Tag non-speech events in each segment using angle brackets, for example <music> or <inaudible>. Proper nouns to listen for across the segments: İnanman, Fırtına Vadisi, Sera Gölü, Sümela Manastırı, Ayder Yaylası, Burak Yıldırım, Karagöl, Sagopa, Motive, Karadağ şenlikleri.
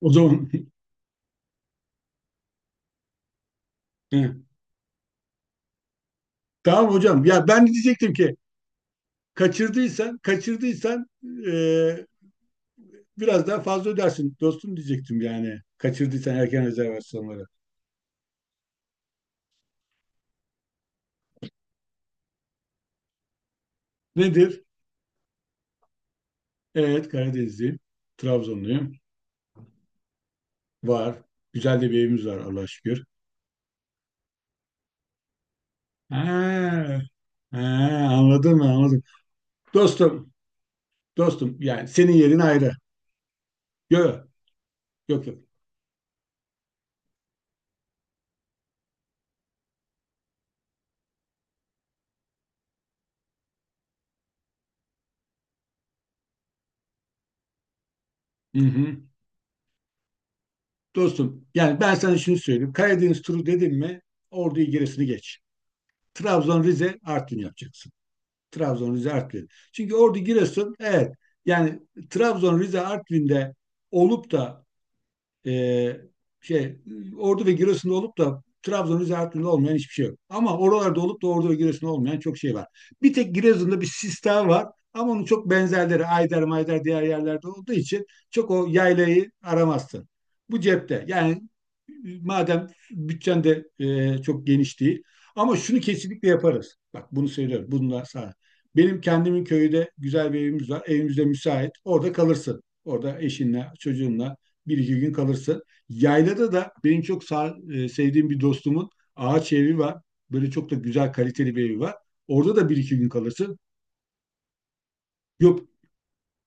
O zaman <laughs> He, tamam hocam. Ya ben de diyecektim ki kaçırdıysan e, biraz daha fazla ödersin dostum diyecektim yani. Kaçırdıysan erken rezervasyonları. Nedir? Evet Karadenizliyim. Trabzonluyum. Var. Güzel de bir evimiz var Allah'a şükür. Ha, ha, anladım mı? Anladım. Dostum dostum yani senin yerin ayrı. Yok, yok, yok. Hı hı. Dostum yani ben sana şunu söyleyeyim. Karadeniz turu dedim mi Ordu'yu gerisini geç. Trabzon, Rize, Artvin yapacaksın. Trabzon, Rize, Artvin. Çünkü Ordu, Giresun, evet yani Trabzon, Rize, Artvin'de olup da ee, şey Ordu ve Giresun'da olup da Trabzon üzerinde olmayan hiçbir şey yok. Ama oralarda olup da Ordu ve Giresun'da olmayan çok şey var. Bir tek Giresun'da bir sistem var ama onun çok benzerleri Ayder Mayder diğer yerlerde olduğu için çok o yaylayı aramazsın. Bu cepte. Yani madem bütçen de çok geniş değil. Ama şunu kesinlikle yaparız. Bak bunu söylüyorum. Bununla sana. Benim kendimin köyde güzel bir evimiz var. Evimizde müsait. Orada kalırsın. Orada eşinle, çocuğunla bir iki gün kalırsa. Yaylada da benim sevdiğim bir dostumun ağaç evi var. Böyle çok da güzel kaliteli bir evi var. Orada da bir iki gün kalırsın. Yok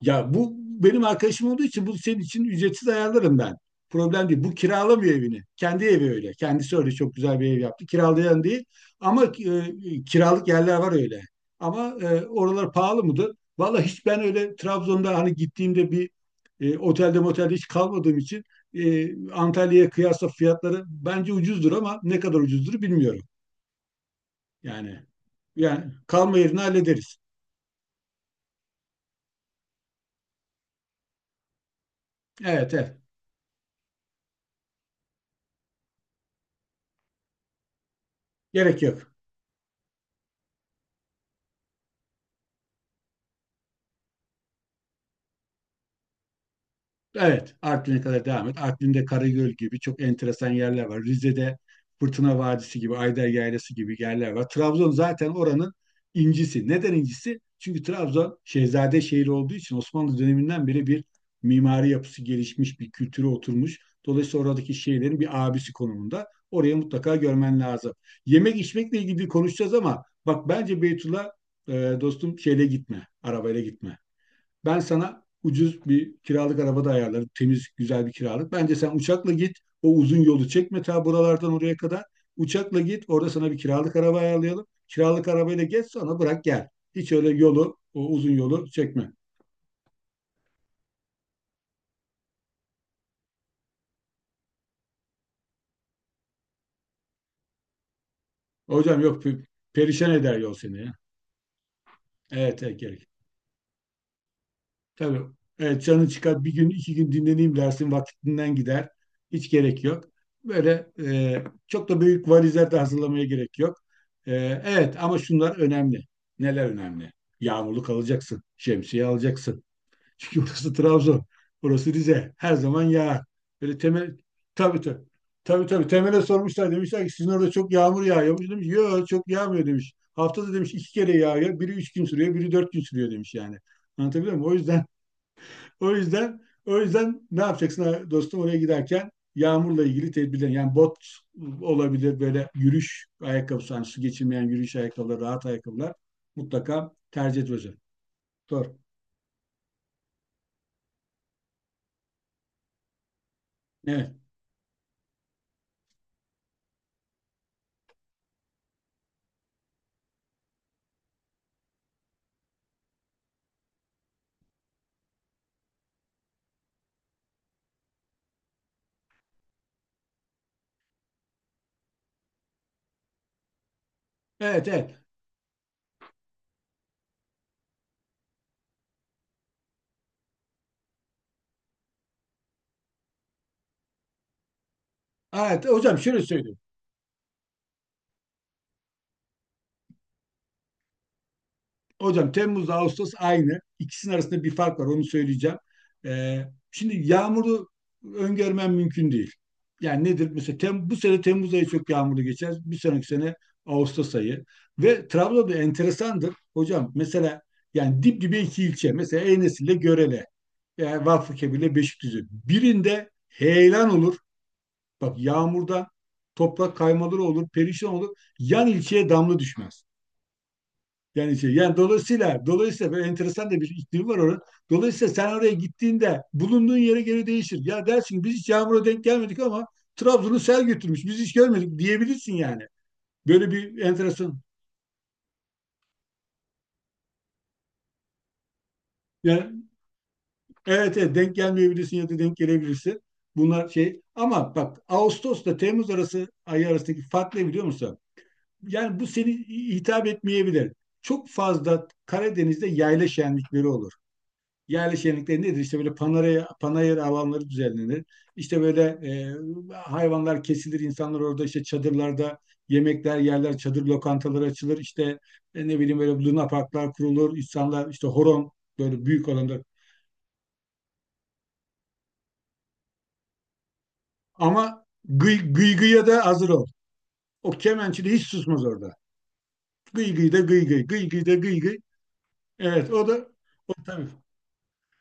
ya, bu benim arkadaşım olduğu için bu senin için ücretsiz ayarlarım ben. Problem değil. Bu kiralamıyor evini. Kendi evi öyle. Kendisi öyle çok güzel bir ev yaptı. Kiralayan değil. Ama kiralık yerler var öyle. Ama oralar pahalı mıdır? Vallahi hiç ben öyle Trabzon'da hani gittiğimde bir otelde motelde hiç kalmadığım için Antalya'ya kıyasla fiyatları bence ucuzdur ama ne kadar ucuzdur bilmiyorum. Yani yani kalma yerini hallederiz. Evet evet. Gerek yok. Evet, Artvin'e kadar devam et. Artvin'de Karagöl gibi çok enteresan yerler var. Rize'de Fırtına Vadisi gibi, Ayder Yaylası gibi yerler var. Trabzon zaten oranın incisi. Neden incisi? Çünkü Trabzon şehzade şehri olduğu için Osmanlı döneminden beri bir mimari yapısı gelişmiş, bir kültürü oturmuş. Dolayısıyla oradaki şehirlerin bir abisi konumunda. Oraya mutlaka görmen lazım. Yemek içmekle ilgili konuşacağız ama bak bence Beytullah e, dostum şeyle gitme, arabayla gitme. Ben sana ucuz bir kiralık araba da ayarlarım. Temiz, güzel bir kiralık. Bence sen uçakla git. O uzun yolu çekme ta buralardan oraya kadar. Uçakla git. Orada sana bir kiralık araba ayarlayalım. Kiralık arabayla geç sonra bırak gel. Hiç öyle yolu, o uzun yolu çekme. Hocam yok pe- perişan eder yol seni ya. Evet, evet gerek. Tabii. Evet, canın çıkar bir gün iki gün dinleneyim dersin vaktinden gider. Hiç gerek yok. Böyle çok da büyük valizler de hazırlamaya gerek yok. E, evet ama şunlar önemli. Neler önemli? Yağmurluk alacaksın. Şemsiye alacaksın. Çünkü <laughs> burası Trabzon. Burası Rize. Her zaman yağar. Böyle temel, tabii tabii. Tabii tabii, temele sormuşlar demişler ki sizin orada çok yağmur yağıyormuş. Demiş yok çok yağmıyor demiş. Haftada demiş iki kere yağıyor. Biri üç gün sürüyor, biri dört gün sürüyor demiş yani. Anlatabiliyor muyum? O yüzden o yüzden ne yapacaksın dostum oraya giderken yağmurla ilgili tedbirler yani bot olabilir böyle yürüyüş ayakkabısı yani su geçirmeyen yürüyüş ayakkabıları rahat ayakkabılar mutlaka tercih et hocam. Doğru. Evet. Evet evet. Evet hocam şöyle söyleyeyim. Hocam Temmuz'da Ağustos aynı. İkisinin arasında bir fark var onu söyleyeceğim. Ee, şimdi yağmuru öngörmem mümkün değil. Yani nedir? Mesela bu sene Temmuz ayı çok yağmurlu geçer. Bir sonraki sene Ağustos ayı. Ve Trabzon'da enteresandır. Hocam mesela yani dip dibe iki ilçe. Mesela Enes ile Görele. Yani Vakfıkebir ile Beşikdüzü. Birinde heyelan olur. Bak yağmurdan toprak kaymaları olur, perişan olur. Yan ilçeye damla düşmez. Yani şey, yani dolayısıyla böyle enteresan da bir iklim var orada. Dolayısıyla sen oraya gittiğinde bulunduğun yere göre değişir. Ya dersin ki biz hiç yağmura denk gelmedik ama Trabzon'u sel götürmüş. Biz hiç görmedik diyebilirsin yani. Böyle bir enteresan. Yani evet evet denk gelmeyebilirsin ya da denk gelebilirsin. Bunlar şey ama bak Ağustos'ta Temmuz arası ayı arasındaki fark ne biliyor musun? Yani bu seni hitap etmeyebilir. Çok fazla Karadeniz'de yayla şenlikleri olur. Yerli şenlikleri nedir? İşte böyle panayır, panayır alanları düzenlenir. İşte böyle hayvanlar kesilir, insanlar orada işte çadırlarda yemekler yerler, çadır lokantaları açılır. İşte ne bileyim böyle luna parklar kurulur. İnsanlar işte horon, böyle büyük alanda. Ama gıy, gıy gıya da hazır ol. O kemençi de hiç susmaz orada. Gıy gıy da gıy gıy, gıy gıy da gıy gıy. Evet o da o tabii,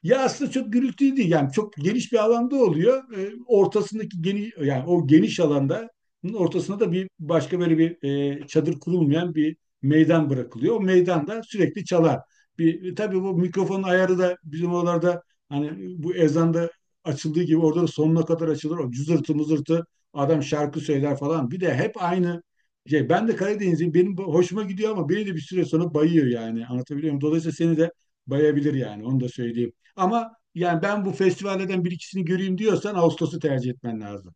ya aslında çok gürültülü değil yani çok geniş bir alanda oluyor. Ortasındaki geniş yani o geniş alanda ortasına da bir başka böyle bir çadır kurulmayan bir meydan bırakılıyor. O meydanda sürekli çalar. Bir tabii bu mikrofonun ayarı da bizim oralarda hani bu ezanda açıldığı gibi orada da sonuna kadar açılır. O cızırtı mızırtı adam şarkı söyler falan. Bir de hep aynı şey. Ben de Karadeniz'im. Benim hoşuma gidiyor ama beni de bir süre sonra bayıyor yani. Anlatabiliyor muyum? Dolayısıyla seni de bayabilir yani. Onu da söyleyeyim. Ama yani ben bu festivallerden bir ikisini göreyim diyorsan Ağustos'u tercih etmen lazım.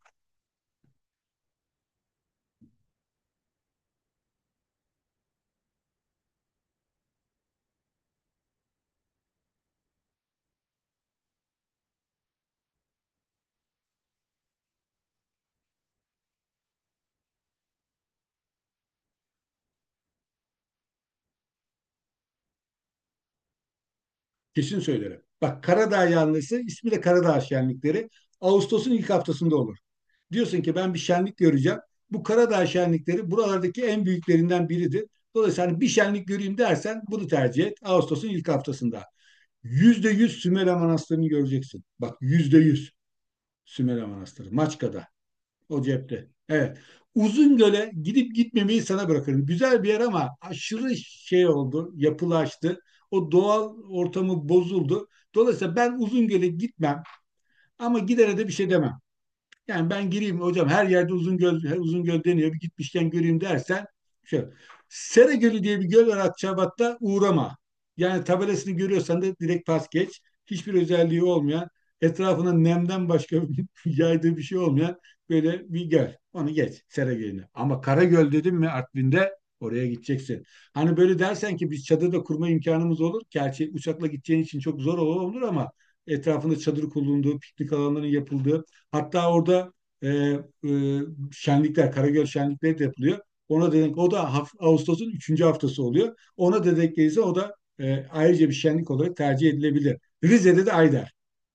Kesin söylerim. Bak Karadağ yanlısı ismi de Karadağ şenlikleri Ağustos'un ilk haftasında olur. Diyorsun ki ben bir şenlik göreceğim. Bu Karadağ şenlikleri buralardaki en büyüklerinden biridir. Dolayısıyla hani bir şenlik göreyim dersen bunu tercih et. Ağustos'un ilk haftasında. Yüzde yüz Sümela Manastırı'nı göreceksin. Bak yüzde yüz Sümela Manastırı. Maçka'da. O cepte. Evet. Uzungöl'e gidip gitmemeyi sana bırakırım. Güzel bir yer ama aşırı şey oldu, yapılaştı. O doğal ortamı bozuldu. Dolayısıyla ben Uzungöl'e gitmem ama gidere de bir şey demem. Yani ben gireyim hocam her yerde uzun göl, her uzun göl deniyor. Bir gitmişken göreyim dersen şöyle. Sera Gölü diye bir göl var Akçabat'ta, uğrama. Yani tabelasını görüyorsan da direkt pas geç. Hiçbir özelliği olmayan, etrafına nemden başka <laughs> yaydığı bir şey olmayan böyle bir göl. Onu geç Sera Gölü'nü. Ama Karagöl dedim mi Artvin'de oraya gideceksin. Hani böyle dersen ki biz çadır da kurma imkanımız olur. Gerçi uçakla gideceğin için çok zor olur ama etrafında çadır kurulduğu, piknik alanlarının yapıldığı, hatta orada e, e, şenlikler, Karagöl şenlikleri de yapılıyor. Ona denk, o da Ağustos'un üçüncü haftası oluyor. Ona da denk gelirse o da ayrıca bir şenlik olarak tercih edilebilir. Rize'de de Ayder,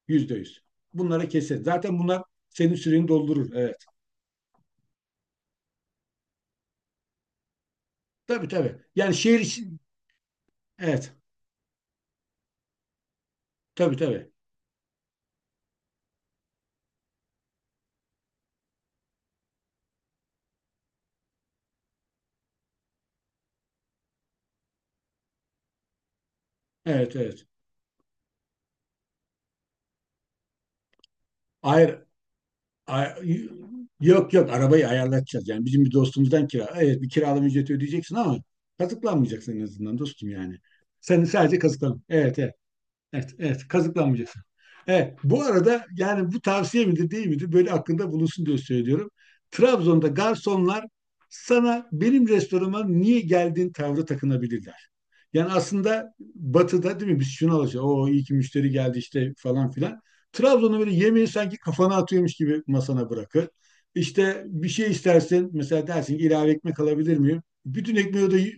yüzde yüz. Bunlara kesin. Zaten bunlar senin süreni doldurur. Evet. Tabii tabii. Yani şehir için. Evet. Tabii tabii. Evet evet. Hayır, A- yok yok arabayı ayarlatacağız. Yani bizim bir dostumuzdan kira. Evet bir kiralama ücreti ödeyeceksin ama kazıklanmayacaksın en azından dostum yani. Sen sadece kazıklan. Evet evet. Evet, evet kazıklanmayacaksın. Evet, bu arada yani bu tavsiye midir değil midir böyle aklında bulunsun diye söylüyorum. Trabzon'da garsonlar sana benim restorana niye geldiğin tavrı takınabilirler. Yani aslında batıda değil mi biz şunu alacağız. O iyi ki müşteri geldi işte falan filan. Trabzon'da böyle yemeği sanki kafana atıyormuş gibi masana bırakır. İşte bir şey istersin mesela dersin ki ilave ekmek alabilir miyim? Bütün ekmeği de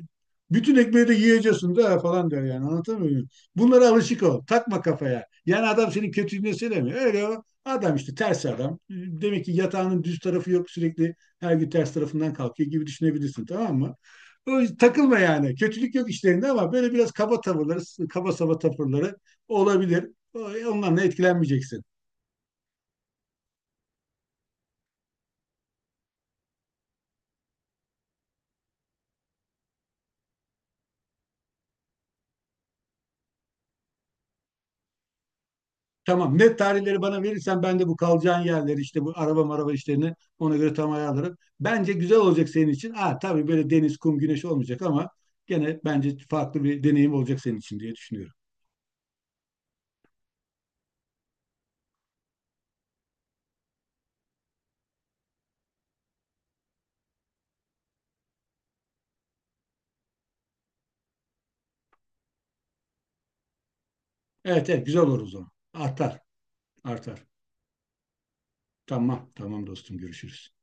bütün ekmeği de yiyeceksin de falan der yani anlatabiliyor muyum? Bunlara alışık ol. Takma kafaya. Yani adam senin kötülüğünü söylemiyor. Öyle o. Adam işte ters adam. Demek ki yatağının düz tarafı yok. Sürekli her gün ters tarafından kalkıyor gibi düşünebilirsin. Tamam mı? O, takılma yani. Kötülük yok işlerinde ama böyle biraz kaba tavırları, kaba saba tavırları olabilir. O- Ondan da etkilenmeyeceksin. Tamam. Net tarihleri bana verirsen ben de bu kalacağın yerleri işte bu araba maraba işlerini ona göre tam ayarlarım. Bence güzel olacak senin için. Ha tabii böyle deniz, kum, güneş olmayacak ama gene bence farklı bir deneyim olacak senin için diye düşünüyorum. Evet evet güzel olur o zaman. Artar, artar. Tamam, tamam dostum görüşürüz.